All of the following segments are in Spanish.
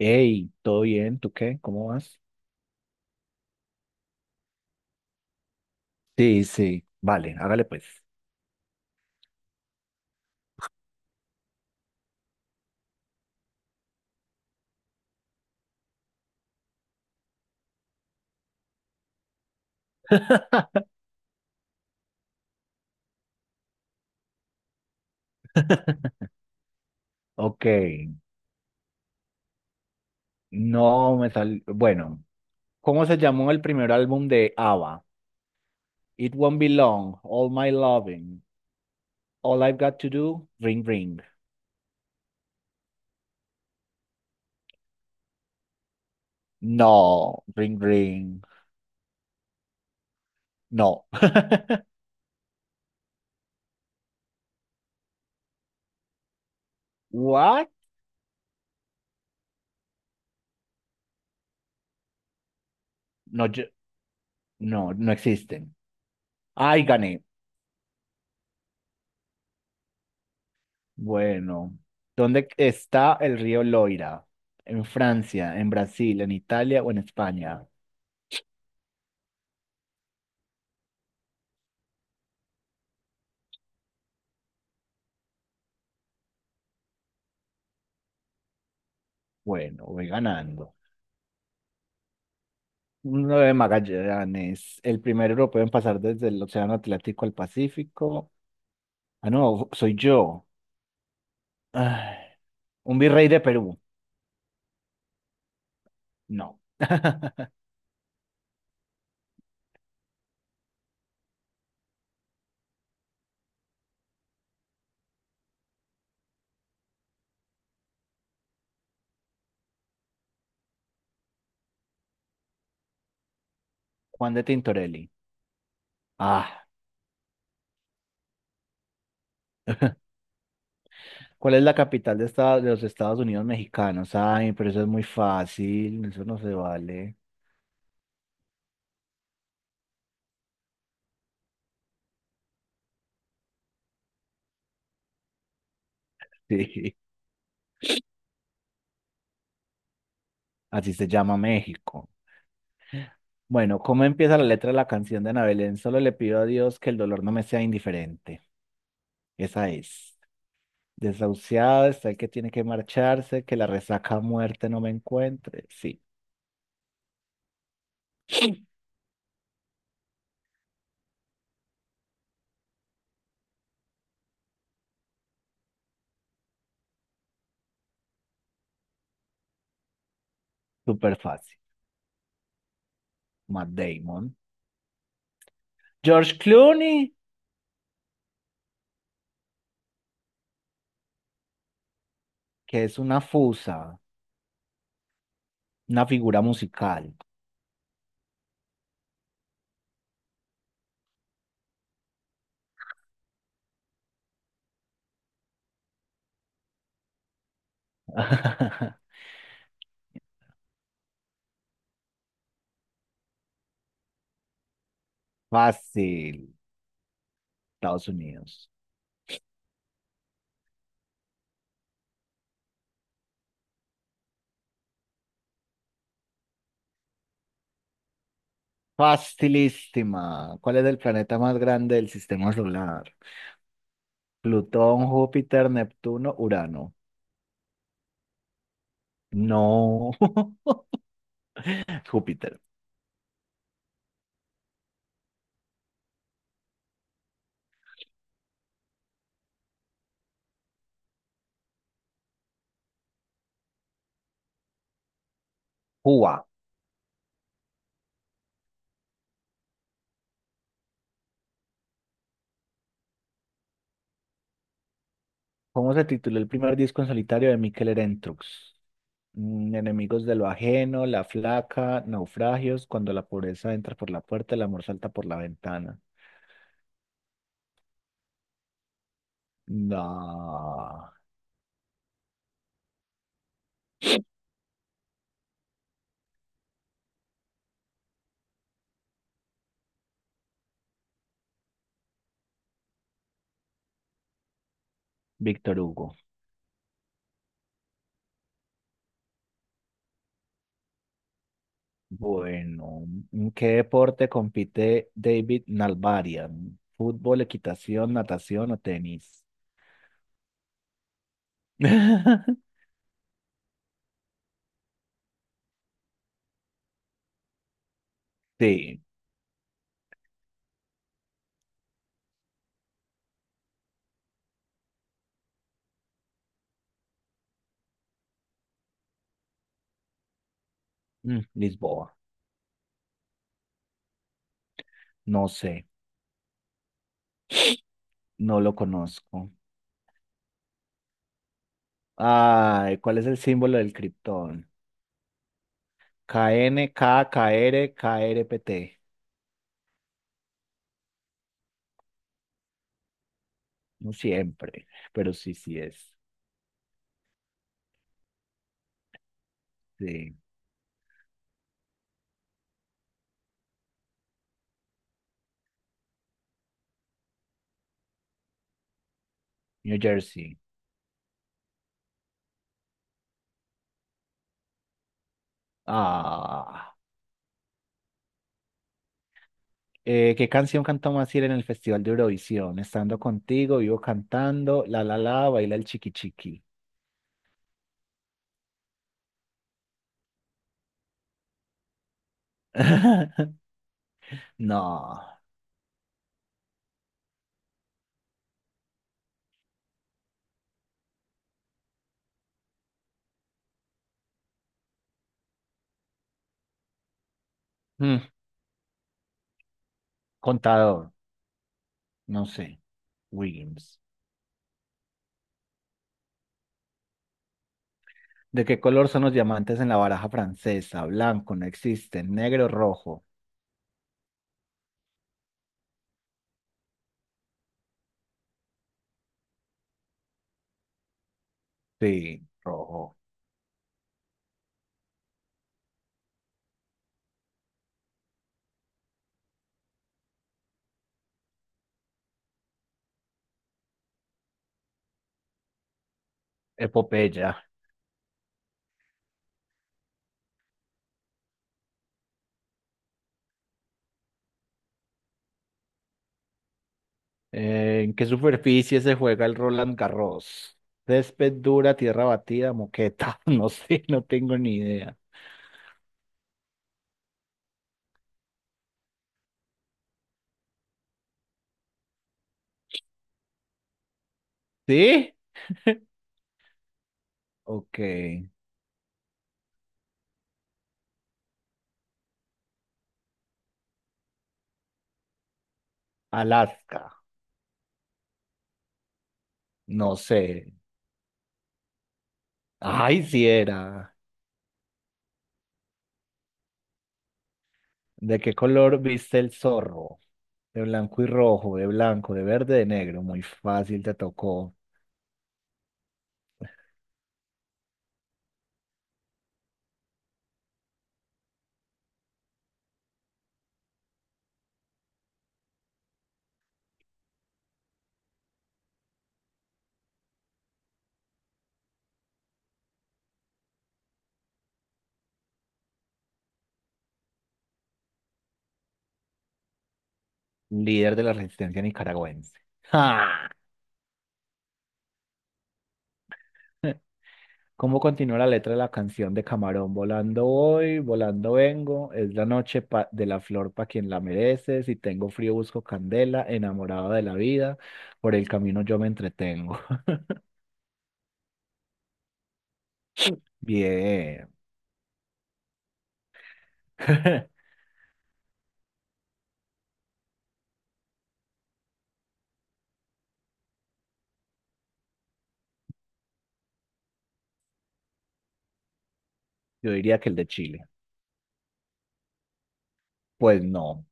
Hey, ¿todo bien? ¿Tú qué? ¿Cómo vas? Sí, sí, vale, hágale pues. Ok, no me sal... Bueno, ¿cómo se llamó el primer álbum de ABBA? It Won't Be Long, All My Loving, All I've Got to Do, Ring Ring. No, Ring Ring, no. What? No, yo- no, no existen. Ay, gané. Bueno, ¿dónde está el río Loira? ¿En Francia, en Brasil, en Italia o en España? Bueno, voy ganando. Uno de Magallanes, el primer europeo en pasar desde el Océano Atlántico al Pacífico. Ah, no, soy yo. Ay, un virrey de Perú. No. Juan de Tintorelli. Ah, ¿cuál es la capital de, de los Estados Unidos mexicanos? Ay, pero eso es muy fácil, eso no se vale. Sí, así se llama México. Bueno, ¿cómo empieza la letra de la canción de Ana Belén? Solo le pido a Dios que el dolor no me sea indiferente. Esa es. Desahuciado, está el que tiene que marcharse, que la resaca a muerte no me encuentre. Sí, súper fácil. Matt Damon. George Clooney, que es una fusa, una figura musical. Fácil, Estados Unidos. Facilísima. ¿Cuál es el planeta más grande del sistema solar? Plutón, Júpiter, Neptuno, Urano. No. Júpiter. Cuba. ¿Cómo se tituló el primer disco en solitario de Mikel Erentxun? Mm, Enemigos de lo ajeno, la flaca, naufragios, cuando la pobreza entra por la puerta, el amor salta por la ventana. No, Víctor Hugo. Bueno, ¿en qué deporte compite David Nalbarian? ¿Fútbol, equitación, natación o tenis? Sí, mm, Lisboa. No sé, no lo conozco. Ay, ¿cuál es el símbolo del criptón? K N, K K R K R P T. No siempre, pero sí, sí es. Sí. New Jersey. Ah. ¿Qué canción cantamos así en el Festival de Eurovisión? Estando contigo, vivo cantando, la la la, baila el chiqui chiqui. No. Mm, Contador, no sé. Williams. ¿De qué color son los diamantes en la baraja francesa? Blanco, no existen. Negro, rojo. Sí, rojo. Epopeya. ¿En qué superficie se juega el Roland Garros? Césped dura, tierra batida, moqueta. No sé, no tengo ni idea. ¿Sí? Ok. Alaska. No sé. Ay, si era. ¿De qué color viste el zorro? De blanco y rojo, de blanco, de verde, de negro. Muy fácil, te tocó. Líder de la resistencia nicaragüense. ¡Ja! ¿Cómo continúa la letra de la canción de Camarón? Volando voy, volando vengo, es la noche de la flor para quien la merece, si tengo frío busco candela, enamorado de la vida, por el camino yo me entretengo. Bien, yo diría que el de Chile. Pues no,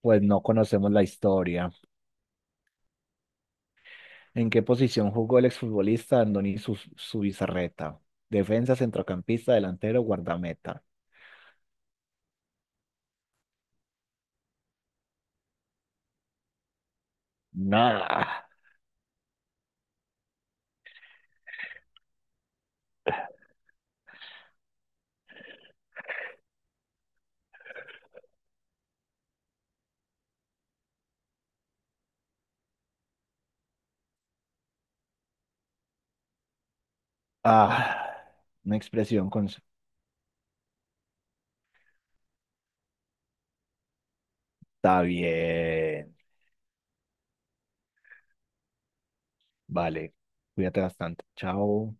pues no conocemos la historia. ¿En qué posición jugó el exfutbolista Andoni Zubizarreta? Defensa, centrocampista, delantero, guardameta. Nada. Ah, una expresión con. Está bien. Vale. Cuídate bastante. Chao.